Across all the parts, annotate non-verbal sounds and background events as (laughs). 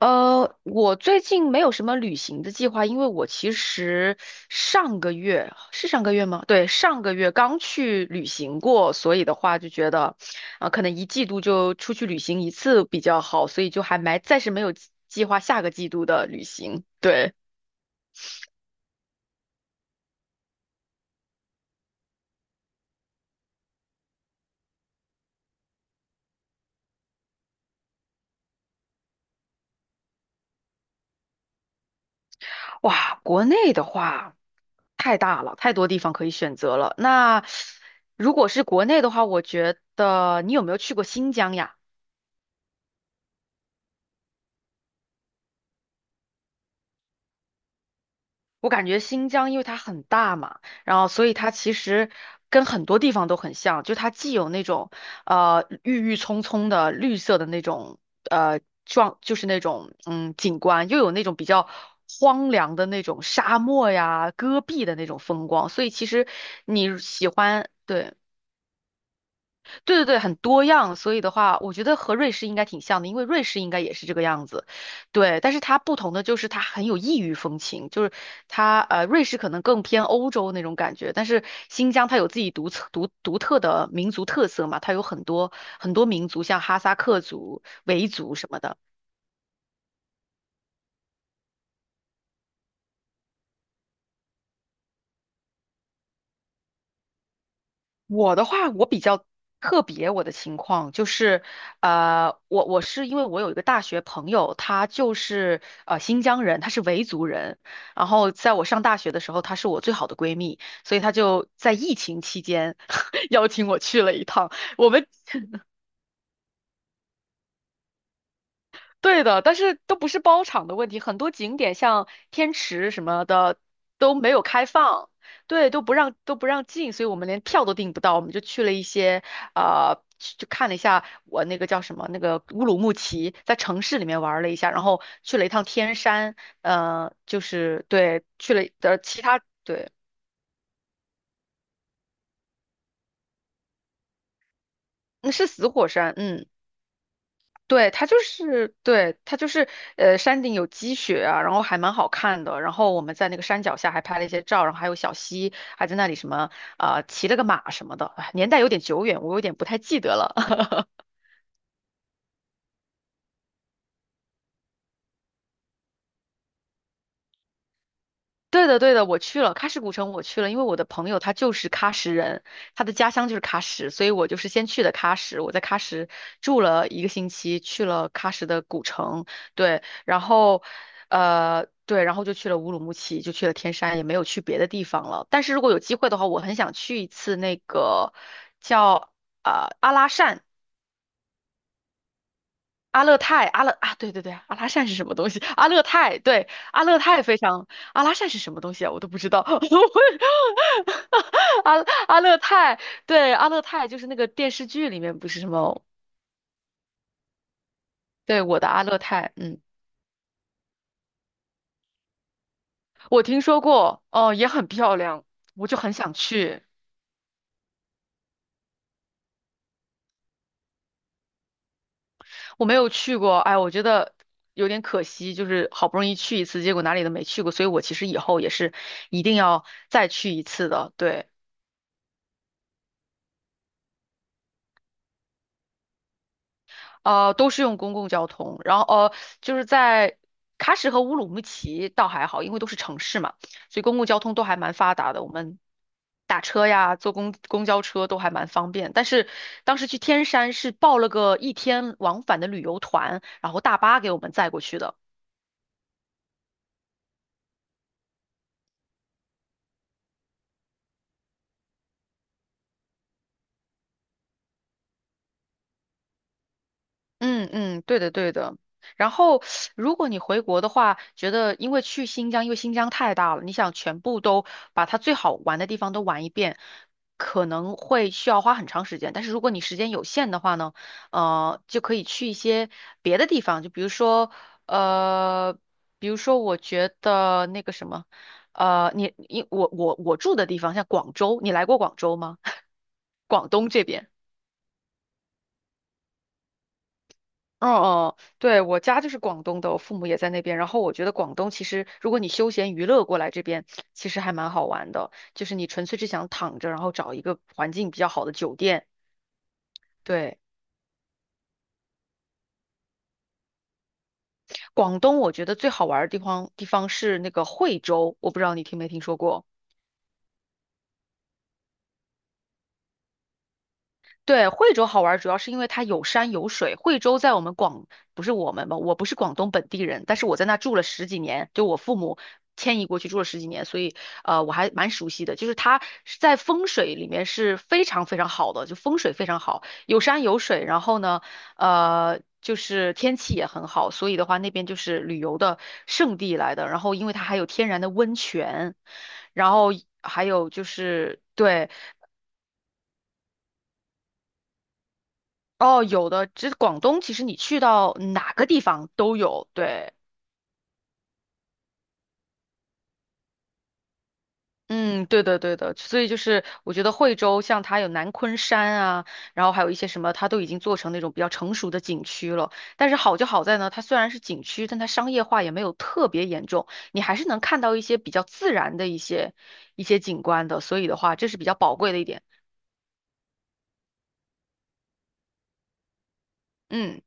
我最近没有什么旅行的计划，因为我其实上个月是上个月吗？对，上个月刚去旅行过，所以的话就觉得，可能一季度就出去旅行一次比较好，所以就还没暂时没有计划下个季度的旅行。对，哇，国内的话太大了，太多地方可以选择了。那如果是国内的话，我觉得你有没有去过新疆呀？我感觉新疆因为它很大嘛，然后所以它其实跟很多地方都很像，就它既有那种郁郁葱葱的绿色的那种呃状，就是那种景观，又有那种比较荒凉的那种沙漠呀、戈壁的那种风光，所以其实你喜欢，对。对对对，很多样，所以的话，我觉得和瑞士应该挺像的，因为瑞士应该也是这个样子，对。但是它不同的就是它很有异域风情，就是它瑞士可能更偏欧洲那种感觉，但是新疆它有自己独特的民族特色嘛，它有很多很多民族，像哈萨克族、维族什么的。我的话，我比较特别，我的情况就是，我是因为我有一个大学朋友，他就是新疆人，他是维族人，然后在我上大学的时候，她是我最好的闺蜜，所以她就在疫情期间 (laughs) 邀请我去了一趟，我们。对的，但是都不是包场的问题，很多景点像天池什么的都没有开放，对，都不让进，所以我们连票都订不到，我们就去了一些去就看了一下我那个叫什么那个乌鲁木齐，在城市里面玩了一下，然后去了一趟天山，就是对，去了的其他对，那是死火山，嗯。对，它就是，对，它就是，山顶有积雪啊，然后还蛮好看的。然后我们在那个山脚下还拍了一些照，然后还有小溪，还在那里什么，骑了个马什么的。哎年代有点久远，我有点不太记得了。(laughs) 对的，对的，我去了喀什古城，我去了，因为我的朋友他就是喀什人，他的家乡就是喀什，所以我就是先去的喀什，我在喀什住了一个星期，去了喀什的古城，对，然后，对，然后就去了乌鲁木齐，就去了天山，也没有去别的地方了。但是如果有机会的话，我很想去一次那个叫阿拉善。阿勒泰，阿勒啊，对对对，阿拉善是什么东西？阿勒泰，对，阿勒泰非常，阿拉善是什么东西啊？我都不知道。(laughs) 我阿勒泰，对，阿勒泰就是那个电视剧里面不是什么，对，我的阿勒泰，嗯，我听说过，哦，也很漂亮，我就很想去，我没有去过，哎，我觉得有点可惜，就是好不容易去一次，结果哪里都没去过，所以我其实以后也是一定要再去一次的，对。都是用公共交通，然后就是在喀什和乌鲁木齐倒还好，因为都是城市嘛，所以公共交通都还蛮发达的。我们打车呀，坐公交车都还蛮方便。但是当时去天山是报了个一天往返的旅游团，然后大巴给我们载过去的。嗯嗯，对的对的。然后，如果你回国的话，觉得因为去新疆，因为新疆太大了，你想全部都把它最好玩的地方都玩一遍，可能会需要花很长时间。但是如果你时间有限的话呢，就可以去一些别的地方，就比如说，呃，比如说我觉得那个什么，我住的地方像广州，你来过广州吗？(laughs) 广东这边。哦哦，对，我家就是广东的，我父母也在那边。然后我觉得广东其实，如果你休闲娱乐过来这边，其实还蛮好玩的。就是你纯粹是想躺着，然后找一个环境比较好的酒店。对，广东我觉得最好玩儿的地方是那个惠州，我不知道你听没听说过。对，惠州好玩，主要是因为它有山有水。惠州在我们广，不是我们吧？我不是广东本地人，但是我在那住了十几年，就我父母迁移过去住了十几年，所以我还蛮熟悉的。就是它是在风水里面是非常非常好的，就风水非常好，有山有水。然后呢，就是天气也很好，所以的话那边就是旅游的圣地来的。然后因为它还有天然的温泉，然后还有就是对。哦，有的，这广东其实你去到哪个地方都有，对，嗯，对的，对的，所以就是我觉得惠州像它有南昆山啊，然后还有一些什么，它都已经做成那种比较成熟的景区了。但是好就好在呢，它虽然是景区，但它商业化也没有特别严重，你还是能看到一些比较自然的一些景观的，所以的话，这是比较宝贵的一点。嗯。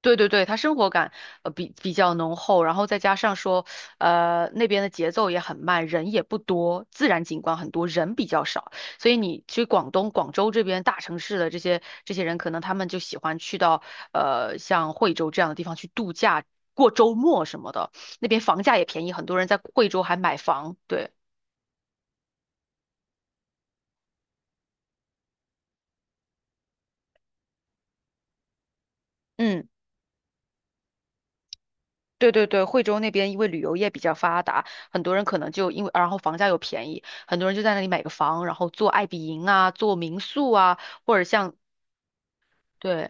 对对对，他生活感比较浓厚，然后再加上说，那边的节奏也很慢，人也不多，自然景观很多，人比较少，所以你去广东广州这边大城市的这些人，可能他们就喜欢去到像惠州这样的地方去度假，过周末什么的，那边房价也便宜，很多人在惠州还买房，对，嗯。对对对，惠州那边因为旅游业比较发达，很多人可能就因为，然后房价又便宜，很多人就在那里买个房，然后做爱彼迎啊，做民宿啊，或者像，对，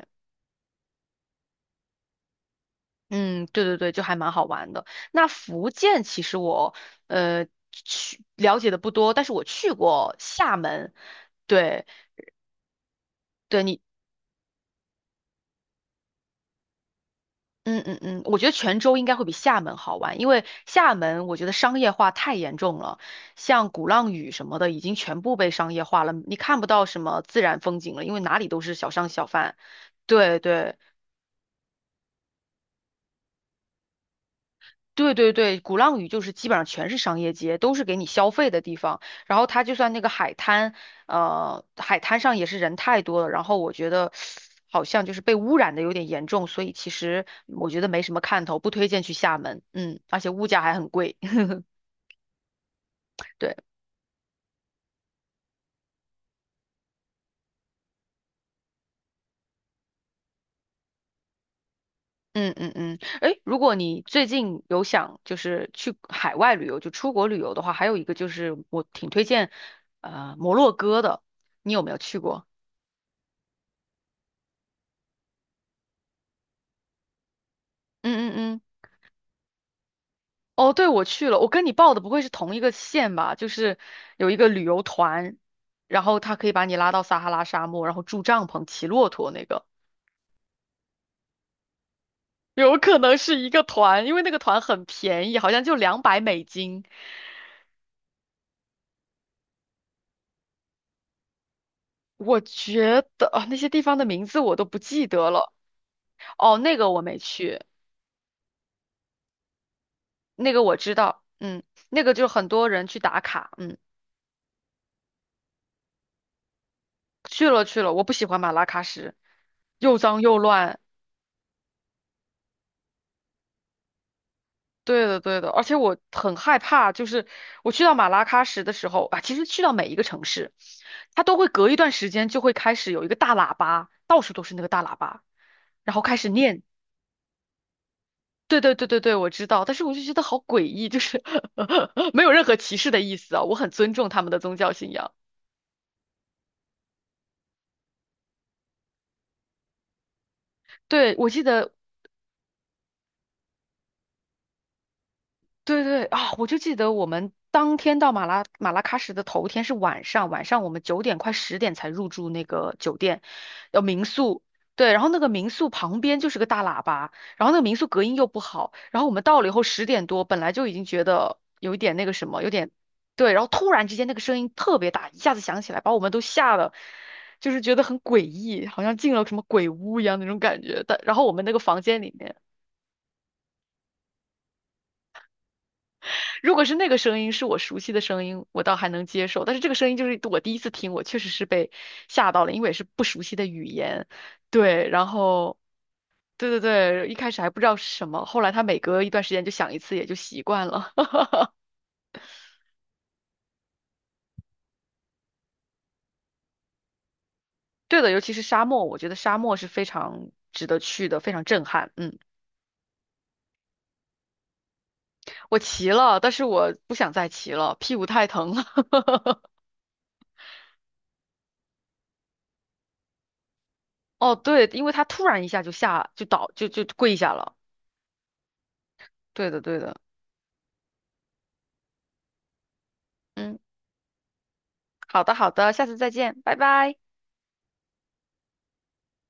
嗯，对对对，就还蛮好玩的。那福建其实我呃去了解的不多，但是我去过厦门，对。对，你。嗯嗯嗯，我觉得泉州应该会比厦门好玩，因为厦门我觉得商业化太严重了，像鼓浪屿什么的已经全部被商业化了，你看不到什么自然风景了，因为哪里都是小商小贩。对对对对对，鼓浪屿就是基本上全是商业街，都是给你消费的地方。然后它就算那个海滩，海滩上也是人太多了，然后我觉得好像就是被污染的有点严重，所以其实我觉得没什么看头，不推荐去厦门。嗯，而且物价还很贵。(laughs) 对，嗯嗯嗯，哎，如果你最近有想就是去海外旅游，就出国旅游的话，还有一个就是我挺推荐，摩洛哥的，你有没有去过？嗯嗯嗯，哦，对，我去了，我跟你报的不会是同一个县吧？就是有一个旅游团，然后他可以把你拉到撒哈拉沙漠，然后住帐篷、骑骆驼那个，有可能是一个团，因为那个团很便宜，好像就200美金。我觉得啊，那些地方的名字我都不记得了。哦，那个我没去，那个我知道，嗯，那个就很多人去打卡，嗯，去了去了，我不喜欢马拉喀什，又脏又乱，对的对的，而且我很害怕，就是我去到马拉喀什的时候啊，其实去到每一个城市，它都会隔一段时间就会开始有一个大喇叭，到处都是那个大喇叭，然后开始念。对对对对对，我知道，但是我就觉得好诡异，就是 (laughs) 没有任何歧视的意思啊，我很尊重他们的宗教信仰。对，我记得对对啊，我就记得我们当天到马拉喀什的头天是晚上，晚上我们9点快十点才入住那个酒店，要民宿。对，然后那个民宿旁边就是个大喇叭，然后那个民宿隔音又不好，然后我们到了以后10点多，本来就已经觉得有一点那个什么，有点对，然后突然之间那个声音特别大，一下子响起来，把我们都吓得，就是觉得很诡异，好像进了什么鬼屋一样那种感觉。但然后我们那个房间里面。如果是那个声音是我熟悉的声音，我倒还能接受。但是这个声音就是我第一次听，我确实是被吓到了，因为也是不熟悉的语言。对，然后对对对，一开始还不知道是什么，后来他每隔一段时间就响一次，也就习惯了。(laughs) 对的，尤其是沙漠，我觉得沙漠是非常值得去的，非常震撼。嗯，我骑了，但是我不想再骑了，屁股太疼了。(laughs) 哦，对，因为他突然一下就倒就跪下了。对的，对的。嗯，好的，好的，下次再见，拜拜。